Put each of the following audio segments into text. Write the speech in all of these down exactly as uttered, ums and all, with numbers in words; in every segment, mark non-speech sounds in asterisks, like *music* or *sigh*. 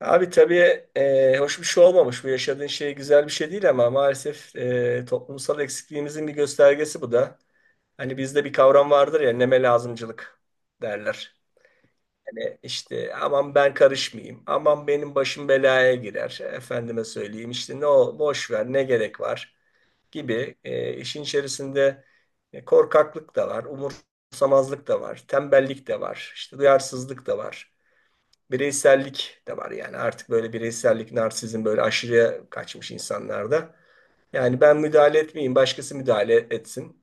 Abi tabii e, hoş bir şey olmamış. Bu yaşadığın şey güzel bir şey değil ama maalesef e, toplumsal eksikliğimizin bir göstergesi bu da. Hani bizde bir kavram vardır ya, neme lazımcılık derler. Hani işte aman ben karışmayayım, aman benim başım belaya girer, efendime söyleyeyim işte ne o boş ver ne gerek var gibi e, işin içerisinde e, korkaklık da var, umursamazlık da var, tembellik de var, işte duyarsızlık da var, bireysellik de var. Yani artık böyle bireysellik, narsizm böyle aşırıya kaçmış insanlarda. Yani ben müdahale etmeyeyim, başkası müdahale etsin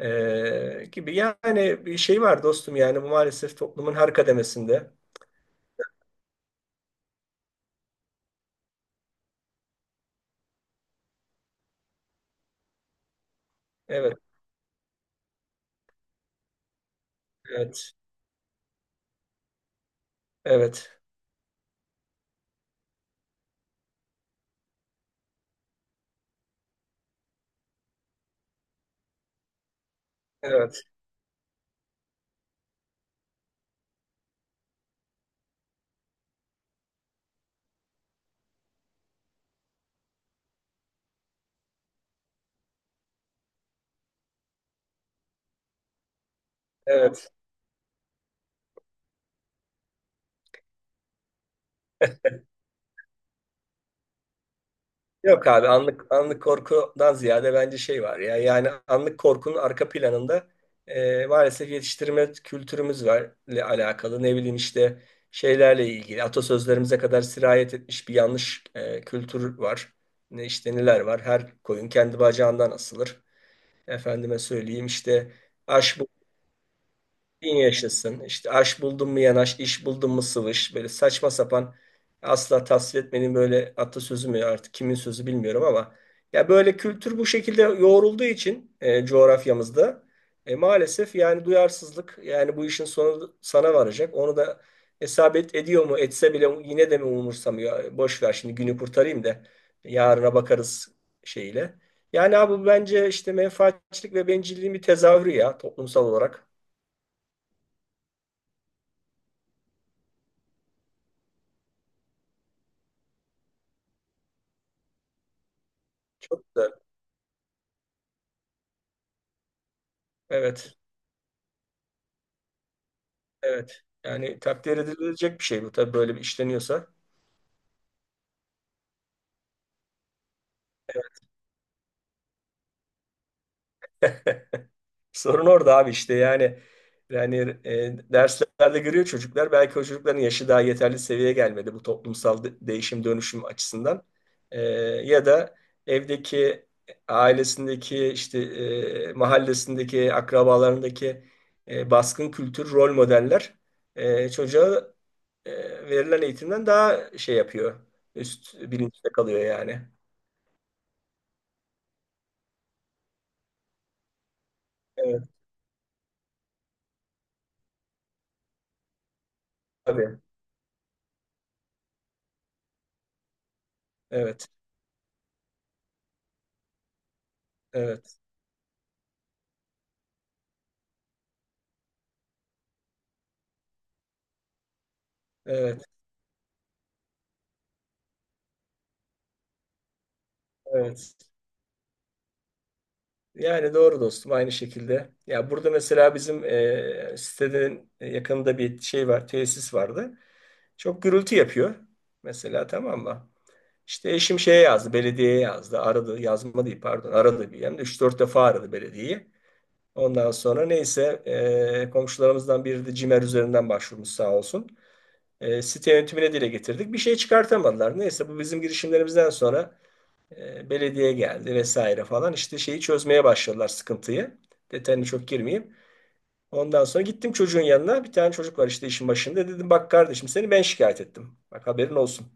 Ee, gibi. Yani bir şey var dostum, yani bu maalesef toplumun her kademesinde. Evet, evet, evet, evet, evet. Yok abi, anlık anlık korkudan ziyade bence şey var ya, yani anlık korkunun arka planında e, maalesef yetiştirme kültürümüzle alakalı, ne bileyim işte şeylerle ilgili atasözlerimize kadar sirayet etmiş bir yanlış e, kültür var. Ne işte, neler var, her koyun kendi bacağından asılır. Efendime söyleyeyim işte aş. Bin yaşasın. İşte aş buldun mu yanaş, iş buldun mu sıvış. Böyle saçma sapan asla tasvir etmenin böyle atasözü mü artık, kimin sözü bilmiyorum ama ya böyle kültür bu şekilde yoğrulduğu için e, coğrafyamızda e, maalesef, yani duyarsızlık, yani bu işin sonu sana varacak. Onu da hesap et, ediyor mu, etse bile yine de mi umursamıyor. E, Boş ver şimdi günü kurtarayım da yarına bakarız şeyle. Yani abi, bu bence işte menfaatçilik ve bencilliğin bir tezahürü ya toplumsal olarak. Çok da. Evet, evet. Yani takdir edilecek bir şey bu tabii, böyle bir işleniyorsa. Sorun orada abi, işte yani yani e, derslerde görüyor çocuklar. Belki o çocukların yaşı daha yeterli seviyeye gelmedi bu toplumsal de- değişim dönüşüm açısından. E, ya da evdeki, ailesindeki, işte e, mahallesindeki, akrabalarındaki e, baskın kültür rol modeller e, çocuğa e, verilen eğitimden daha şey yapıyor. Üst bilinçte kalıyor yani. Evet. Tabii. Evet. Evet. Evet. Evet. Yani doğru dostum, aynı şekilde. Ya burada mesela bizim e, sitenin yakınında bir şey var, tesis vardı. Çok gürültü yapıyor. Mesela tamam mı? İşte eşim şeye yazdı, belediyeye yazdı. Aradı, yazma değil pardon. Aradı, bir hem de üç dört defa aradı belediyeyi. Ondan sonra neyse e, komşularımızdan biri de CİMER üzerinden başvurmuş sağ olsun. E, site yönetimine dile getirdik. Bir şey çıkartamadılar. Neyse, bu bizim girişimlerimizden sonra E, belediye geldi vesaire falan. İşte şeyi çözmeye başladılar, sıkıntıyı. Detayını çok girmeyeyim. Ondan sonra gittim çocuğun yanına. Bir tane çocuk var işte işin başında. Dedim bak kardeşim, seni ben şikayet ettim. Bak haberin olsun.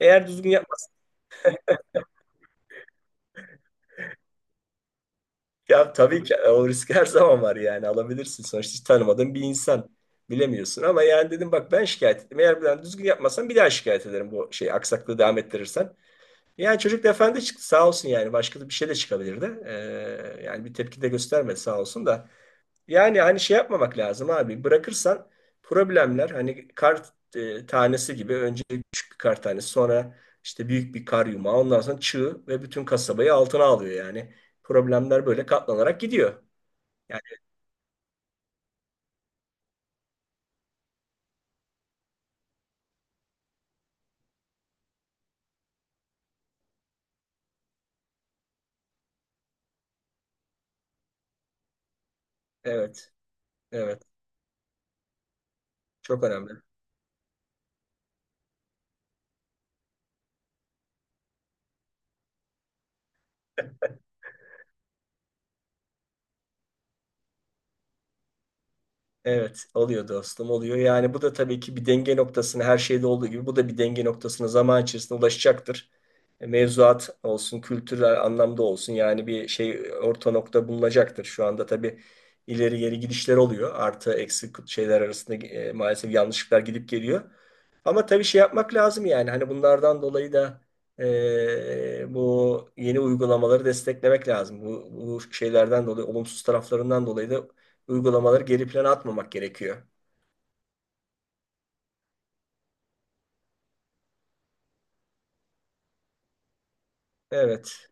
Eğer düzgün yapmazsan. Ya tabii ki o risk her zaman var, yani alabilirsin. Sonuçta hiç tanımadığın bir insan, bilemiyorsun. Ama yani dedim bak, ben şikayet ettim. Eğer bir daha düzgün yapmazsan bir daha şikayet ederim, bu şey aksaklığı devam ettirirsen. Yani çocuk da efendi çıktı sağ olsun, yani başka da bir şey de çıkabilirdi. Ee, yani bir tepki de göstermedi sağ olsun da. Yani hani şey yapmamak lazım abi. Bırakırsan problemler, hani kar e, tanesi gibi, önce küçük bir kar tanesi, sonra işte büyük bir kar yumağı, ondan sonra çığ, ve bütün kasabayı altına alıyor yani. Problemler böyle katlanarak gidiyor. Yani evet, evet. Çok önemli. Evet, oluyor dostum, oluyor. Yani bu da tabii ki bir denge noktasına, her şeyde olduğu gibi bu da bir denge noktasına zaman içerisinde ulaşacaktır. Mevzuat olsun, kültürel anlamda olsun, yani bir şey, orta nokta bulunacaktır. Şu anda tabii ileri geri gidişler oluyor. Artı eksi şeyler arasında e, maalesef yanlışlıklar gidip geliyor. Ama tabii şey yapmak lazım, yani hani bunlardan dolayı da e, bu yeni uygulamaları desteklemek lazım. Bu, bu şeylerden dolayı, olumsuz taraflarından dolayı da uygulamaları geri plana atmamak gerekiyor. Evet,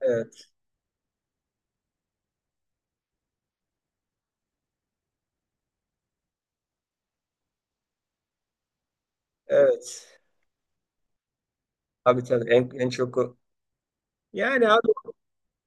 evet, evet. Abi tabii en, en çok o-. Yani abi,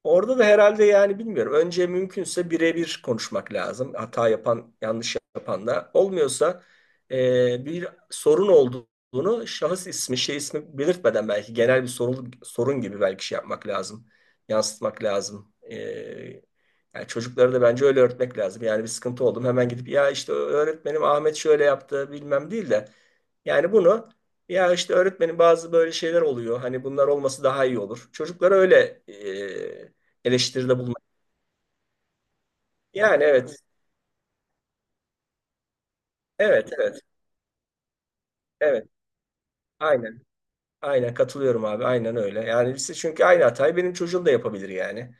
orada da herhalde, yani bilmiyorum. Önce mümkünse birebir konuşmak lazım. Hata yapan, yanlış yapan da. Olmuyorsa e, bir sorun olduğunu, şahıs ismi, şey ismi belirtmeden belki, genel bir sorun, sorun gibi belki şey yapmak lazım. Yansıtmak lazım. E, yani çocuklara da bence öyle öğretmek lazım. Yani bir sıkıntı oldum hemen gidip ya işte öğretmenim Ahmet şöyle yaptı bilmem değil de, yani bunu, ya işte öğretmenin bazı böyle şeyler oluyor. Hani bunlar olması daha iyi olur. Çocuklara öyle e, eleştiride bulmak. Yani evet. Evet, evet, evet. Aynen, aynen katılıyorum abi. Aynen öyle. Yani siz çünkü aynı hatayı benim çocuğum da yapabilir yani.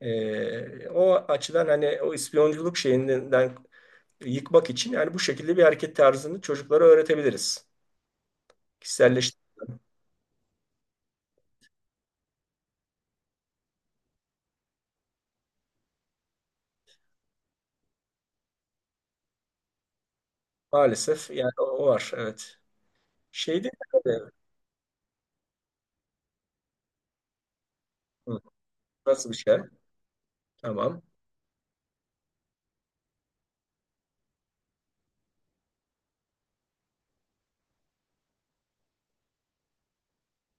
E, o açıdan hani o ispiyonculuk şeyinden yıkmak için, yani bu şekilde bir hareket tarzını çocuklara öğretebiliriz. Kişiselleştirme maalesef, yani o o var. Evet. Şeyde. Hı, nasıl bir şey? Tamam.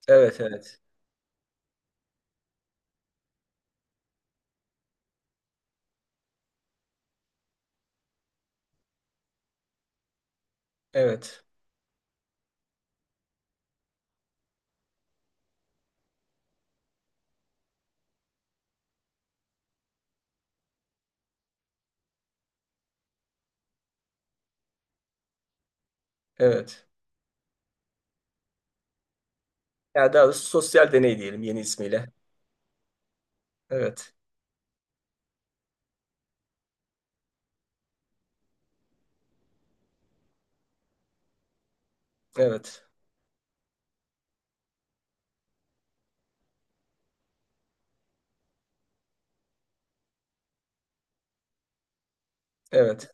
Evet, evet. Evet, evet. Yani daha doğrusu sosyal deney diyelim, yeni ismiyle. Evet, evet, evet,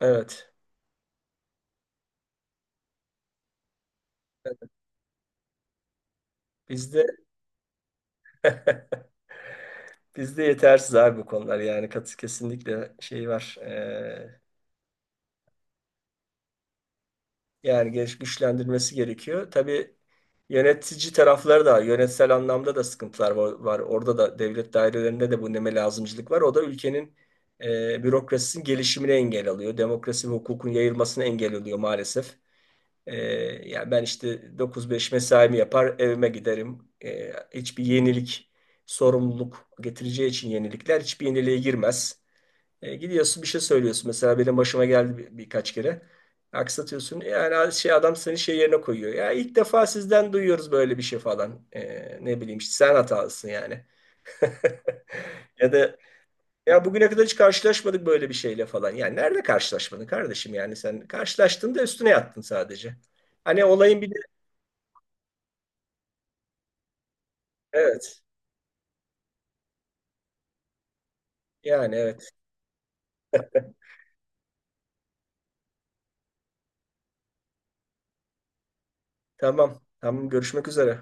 evet. Bizde *laughs* bizde yetersiz abi bu konular, yani kat- kesinlikle şey var. Ee, yani geliş güçlendirmesi gerekiyor. Tabii yönetici tarafları da, yönetsel anlamda da sıkıntılar var. Var. Orada da, devlet dairelerinde de bu neme lazımcılık var. O da ülkenin e, bürokrasisinin gelişimine engel alıyor. Demokrasi ve hukukun yayılmasına engel oluyor maalesef. Ee, ya ben işte dokuz beş mesaimi yapar, evime giderim. Ee, hiçbir yenilik, sorumluluk getireceği için yenilikler, hiçbir yeniliğe girmez. Ee, gidiyorsun bir şey söylüyorsun. Mesela benim başıma geldi bir- birkaç kere. Aksatıyorsun. Yani şey, adam seni şey yerine koyuyor. Ya ilk defa sizden duyuyoruz böyle bir şey falan. Ee, ne bileyim işte sen hatalısın yani. *laughs* Ya da ya bugüne kadar hiç karşılaşmadık böyle bir şeyle falan. Yani nerede karşılaşmadın kardeşim, yani sen karşılaştın da üstüne yattın sadece. Hani olayın bir. Evet. Yani evet. Tamam. Tamam. Görüşmek üzere.